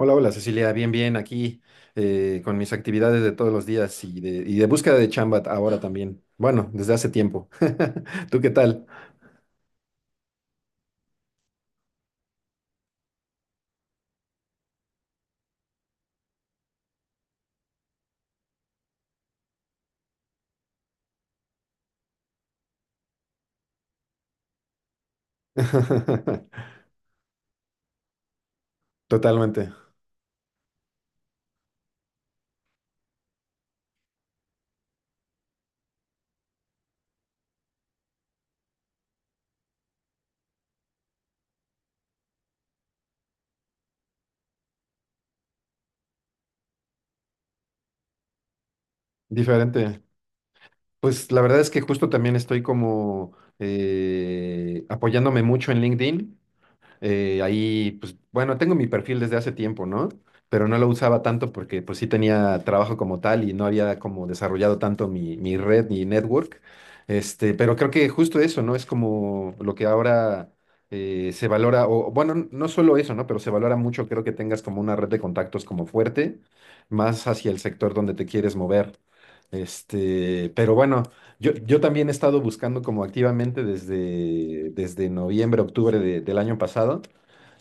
Hola, hola Cecilia, bien, bien, aquí con mis actividades de todos los días y de búsqueda de chamba ahora también. Bueno, desde hace tiempo. ¿Tú qué tal? Totalmente, diferente. Pues la verdad es que justo también estoy como apoyándome mucho en LinkedIn. Ahí, pues, bueno, tengo mi perfil desde hace tiempo, ¿no? Pero no lo usaba tanto porque pues sí tenía trabajo como tal y no había como desarrollado tanto mi red, mi network. Este, pero creo que justo eso, ¿no? Es como lo que ahora se valora, o bueno, no solo eso, ¿no? Pero se valora mucho, creo que tengas como una red de contactos como fuerte, más hacia el sector donde te quieres mover. Este, pero bueno. Yo también he estado buscando como activamente desde noviembre, octubre del año pasado,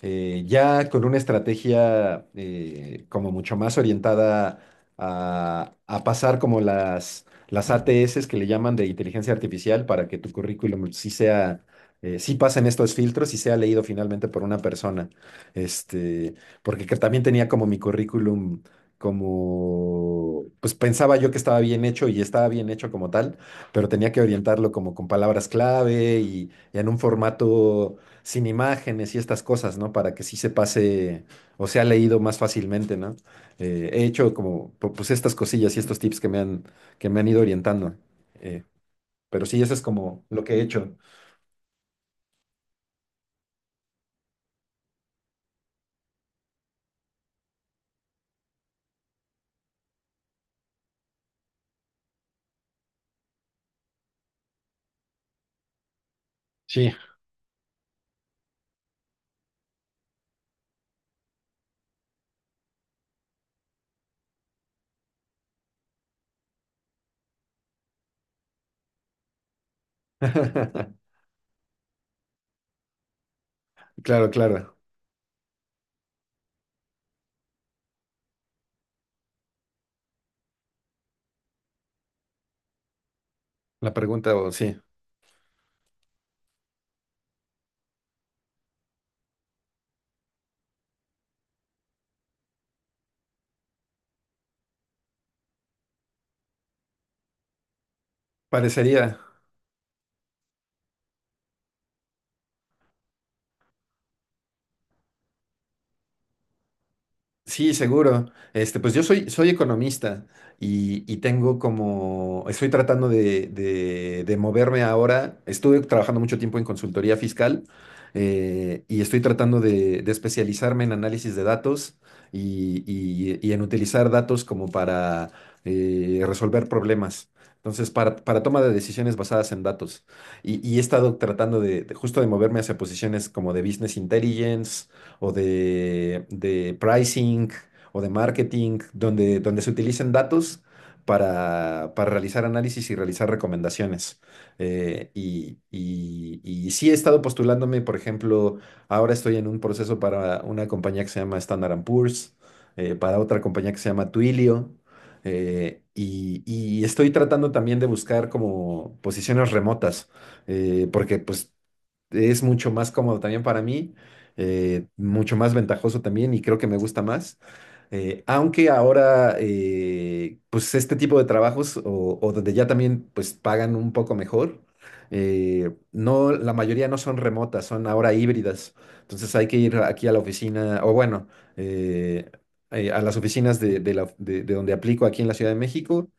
ya con una estrategia como mucho más orientada a pasar como las ATS que le llaman de inteligencia artificial para que tu currículum sí sea, sí pasen estos filtros y sea leído finalmente por una persona. Este, porque que también tenía como mi currículum, como, pues pensaba yo que estaba bien hecho y estaba bien hecho como tal, pero tenía que orientarlo como con palabras clave y en un formato sin imágenes y estas cosas, ¿no? Para que sí se pase o sea leído más fácilmente, ¿no? He hecho como pues estas cosillas y estos tips que me han ido orientando. eh, pero sí, eso es como lo que he hecho. Sí. Claro, claro. La pregunta, o sí, parecería. Sí, seguro. Este, pues yo soy, soy economista y tengo como, estoy tratando de moverme ahora. Estuve trabajando mucho tiempo en consultoría fiscal, y estoy tratando de especializarme en análisis de datos y en utilizar datos como para resolver problemas. Entonces, para toma de decisiones basadas en datos. Y he estado tratando de, justo de moverme hacia posiciones como de business intelligence o de pricing o de marketing, donde, donde se utilicen datos para realizar análisis y realizar recomendaciones. Y sí he estado postulándome, por ejemplo, ahora estoy en un proceso para una compañía que se llama Standard and Poor's, para otra compañía que se llama Twilio. Y, y estoy tratando también de buscar como posiciones remotas, porque pues es mucho más cómodo también para mí, mucho más ventajoso también y creo que me gusta más. Aunque ahora, pues este tipo de trabajos o donde ya también pues pagan un poco mejor, no, la mayoría no son remotas, son ahora híbridas. Entonces hay que ir aquí a la oficina, o bueno, eh, a las oficinas de donde aplico aquí en la Ciudad de México,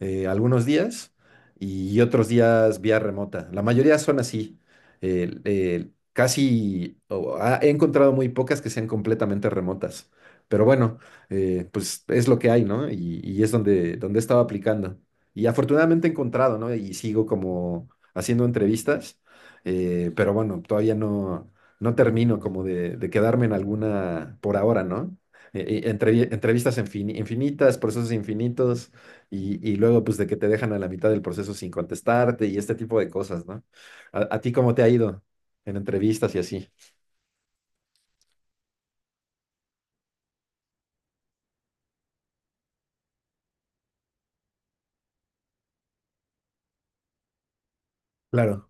algunos días y otros días vía remota. La mayoría son así casi he encontrado muy pocas que sean completamente remotas. Pero bueno, pues es lo que hay, ¿no? Y es donde, donde he estado aplicando. Y afortunadamente he encontrado, ¿no? Y sigo como haciendo entrevistas, pero bueno, todavía no, no termino como de quedarme en alguna por ahora, ¿no? Entrevistas infinitas, procesos infinitos, y luego pues de que te dejan a la mitad del proceso sin contestarte y este tipo de cosas, ¿no? ¿A ti cómo te ha ido en entrevistas y así? Claro,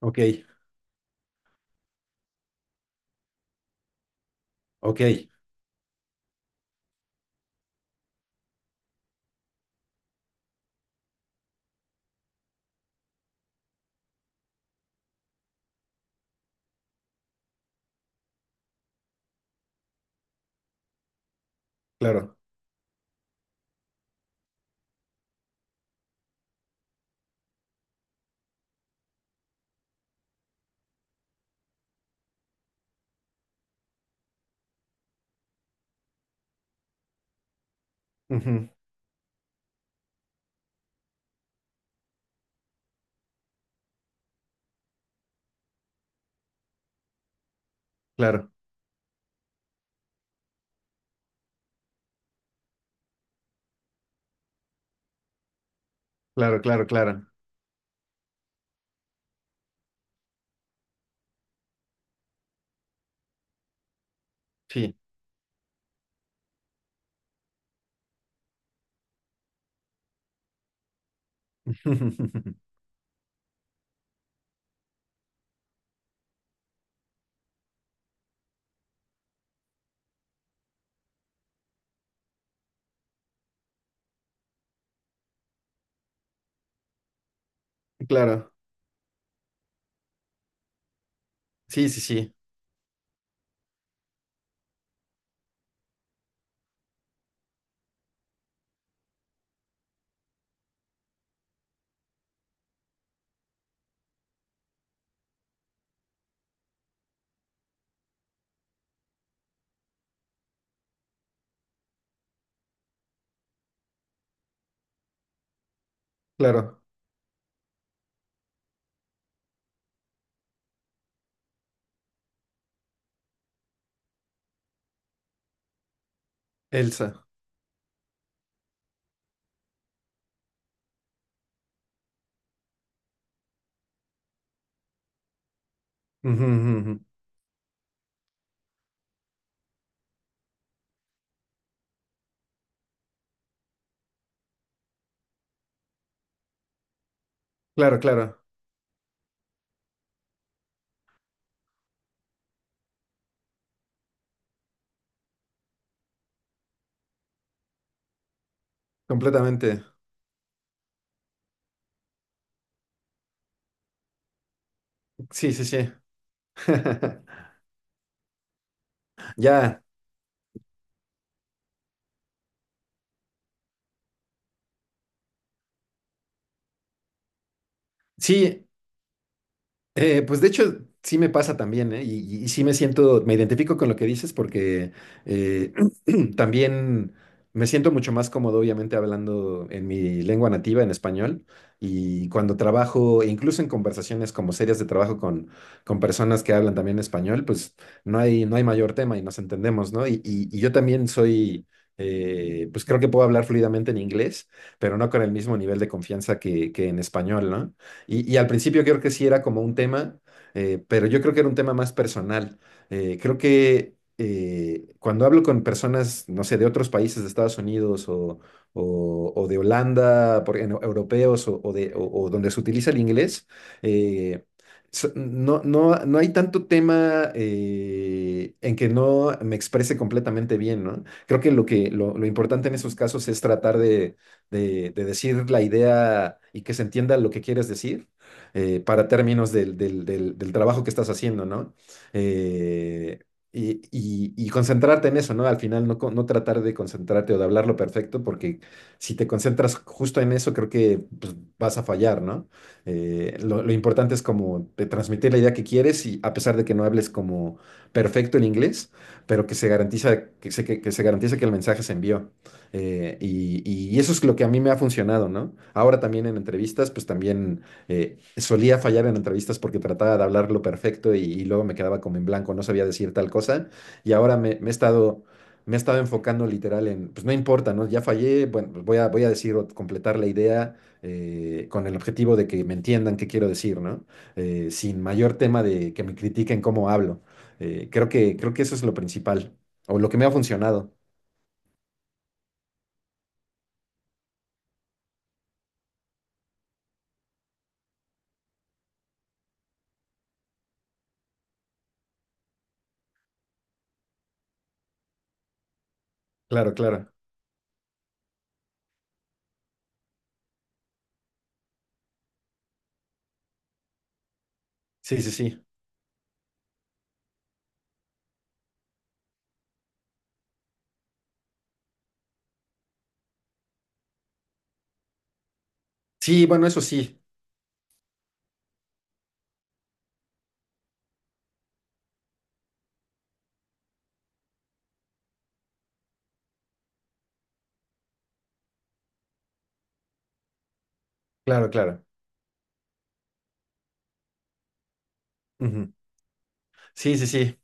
ok, ok, claro, ujú, claro, claro, claro, claro, sí, claro, sí, sí, sí, claro, Elsa, ujú, ujú, ujú, claro, claro, completamente, sí, sí, sí, ya, sí. Pues de hecho, sí me pasa también, ¿eh? Y, y sí me siento, me identifico con lo que dices porque eh, también me siento mucho más cómodo, obviamente, hablando en mi lengua nativa, en español, y cuando trabajo, e incluso en conversaciones como serias de trabajo con personas que hablan también español, pues no hay, no hay mayor tema y nos entendemos, ¿no? Y, y yo también soy, pues creo que puedo hablar fluidamente en inglés, pero no con el mismo nivel de confianza que en español, ¿no? Y al principio creo que sí era como un tema, pero yo creo que era un tema más personal. Creo que cuando hablo con personas, no sé, de otros países, de Estados Unidos o, o de Holanda, por, europeos o de, o donde se utiliza el inglés, eh, no, no, no hay tanto tema en que no me exprese completamente bien, ¿no? Creo que lo que lo importante en esos casos es tratar de de decir la idea y que se entienda lo que quieres decir, para términos del trabajo que estás haciendo, ¿no? Eh, y, y concentrarte en eso, ¿no? Al final no, no tratar de concentrarte o de hablarlo perfecto, porque si te concentras justo en eso, creo que pues, vas a fallar, ¿no? Lo importante es como de transmitir la idea que quieres, y a pesar de que no hables como perfecto el inglés, pero que se garantiza que se garantice que el mensaje se envió. Y, y eso es lo que a mí me ha funcionado, ¿no? Ahora también en entrevistas, pues también solía fallar en entrevistas porque trataba de hablar lo perfecto y luego me quedaba como en blanco, no sabía decir tal cosa. Y ahora me, me he estado enfocando literal en, pues no importa, ¿no? Ya fallé, bueno, pues voy a, voy a decir o completar la idea con el objetivo de que me entiendan qué quiero decir, ¿no? Sin mayor tema de que me critiquen cómo hablo. Creo que eso es lo principal, o lo que me ha funcionado. Claro, claro. Sí, sí, sí. Sí, bueno, eso sí, claro, claro. Ujú. Sí, sí, sí.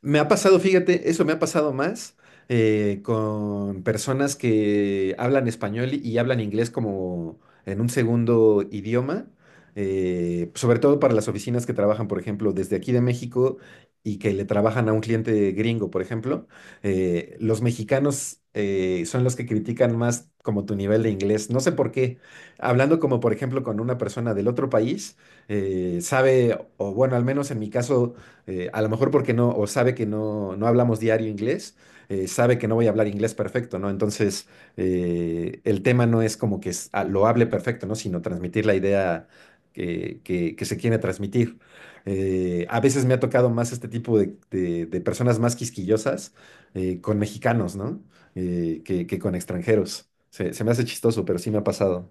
Me ha pasado, fíjate, eso me ha pasado más con personas que hablan español y hablan inglés como en un segundo idioma, sobre todo para las oficinas que trabajan, por ejemplo, desde aquí de México y que le trabajan a un cliente gringo, por ejemplo. Los mexicanos son los que critican más como tu nivel de inglés. No sé por qué. Hablando como, por ejemplo, con una persona del otro país, sabe, o bueno, al menos en mi caso a lo mejor porque no, o sabe que no, no hablamos diario inglés, sabe que no voy a hablar inglés perfecto, ¿no? Entonces, el tema no es como que ah, lo hable perfecto, ¿no? Sino transmitir la idea que, que se quiere transmitir. A veces me ha tocado más este tipo de, de personas más quisquillosas con mexicanos, ¿no? Que con extranjeros. Se me hace chistoso, pero sí me ha pasado.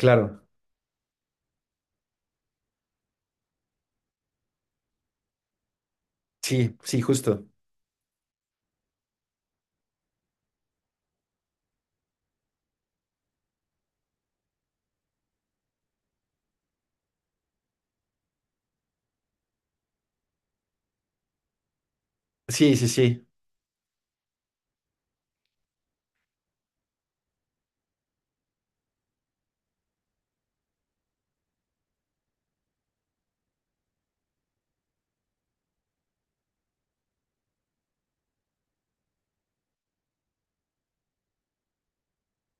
Claro, sí, sí, justo. Sí, sí, sí,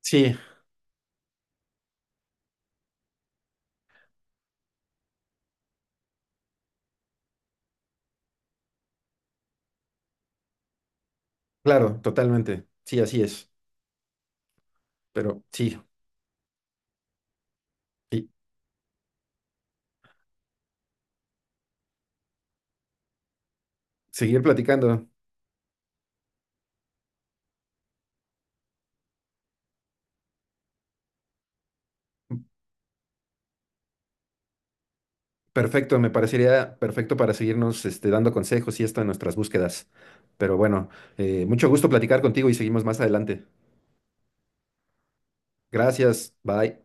sí, claro, totalmente. Sí, así es. Pero sí, y seguir platicando. Perfecto, me parecería perfecto para seguirnos este, dando consejos y esto en nuestras búsquedas. Pero bueno, mucho gusto platicar contigo y seguimos más adelante. Gracias, bye.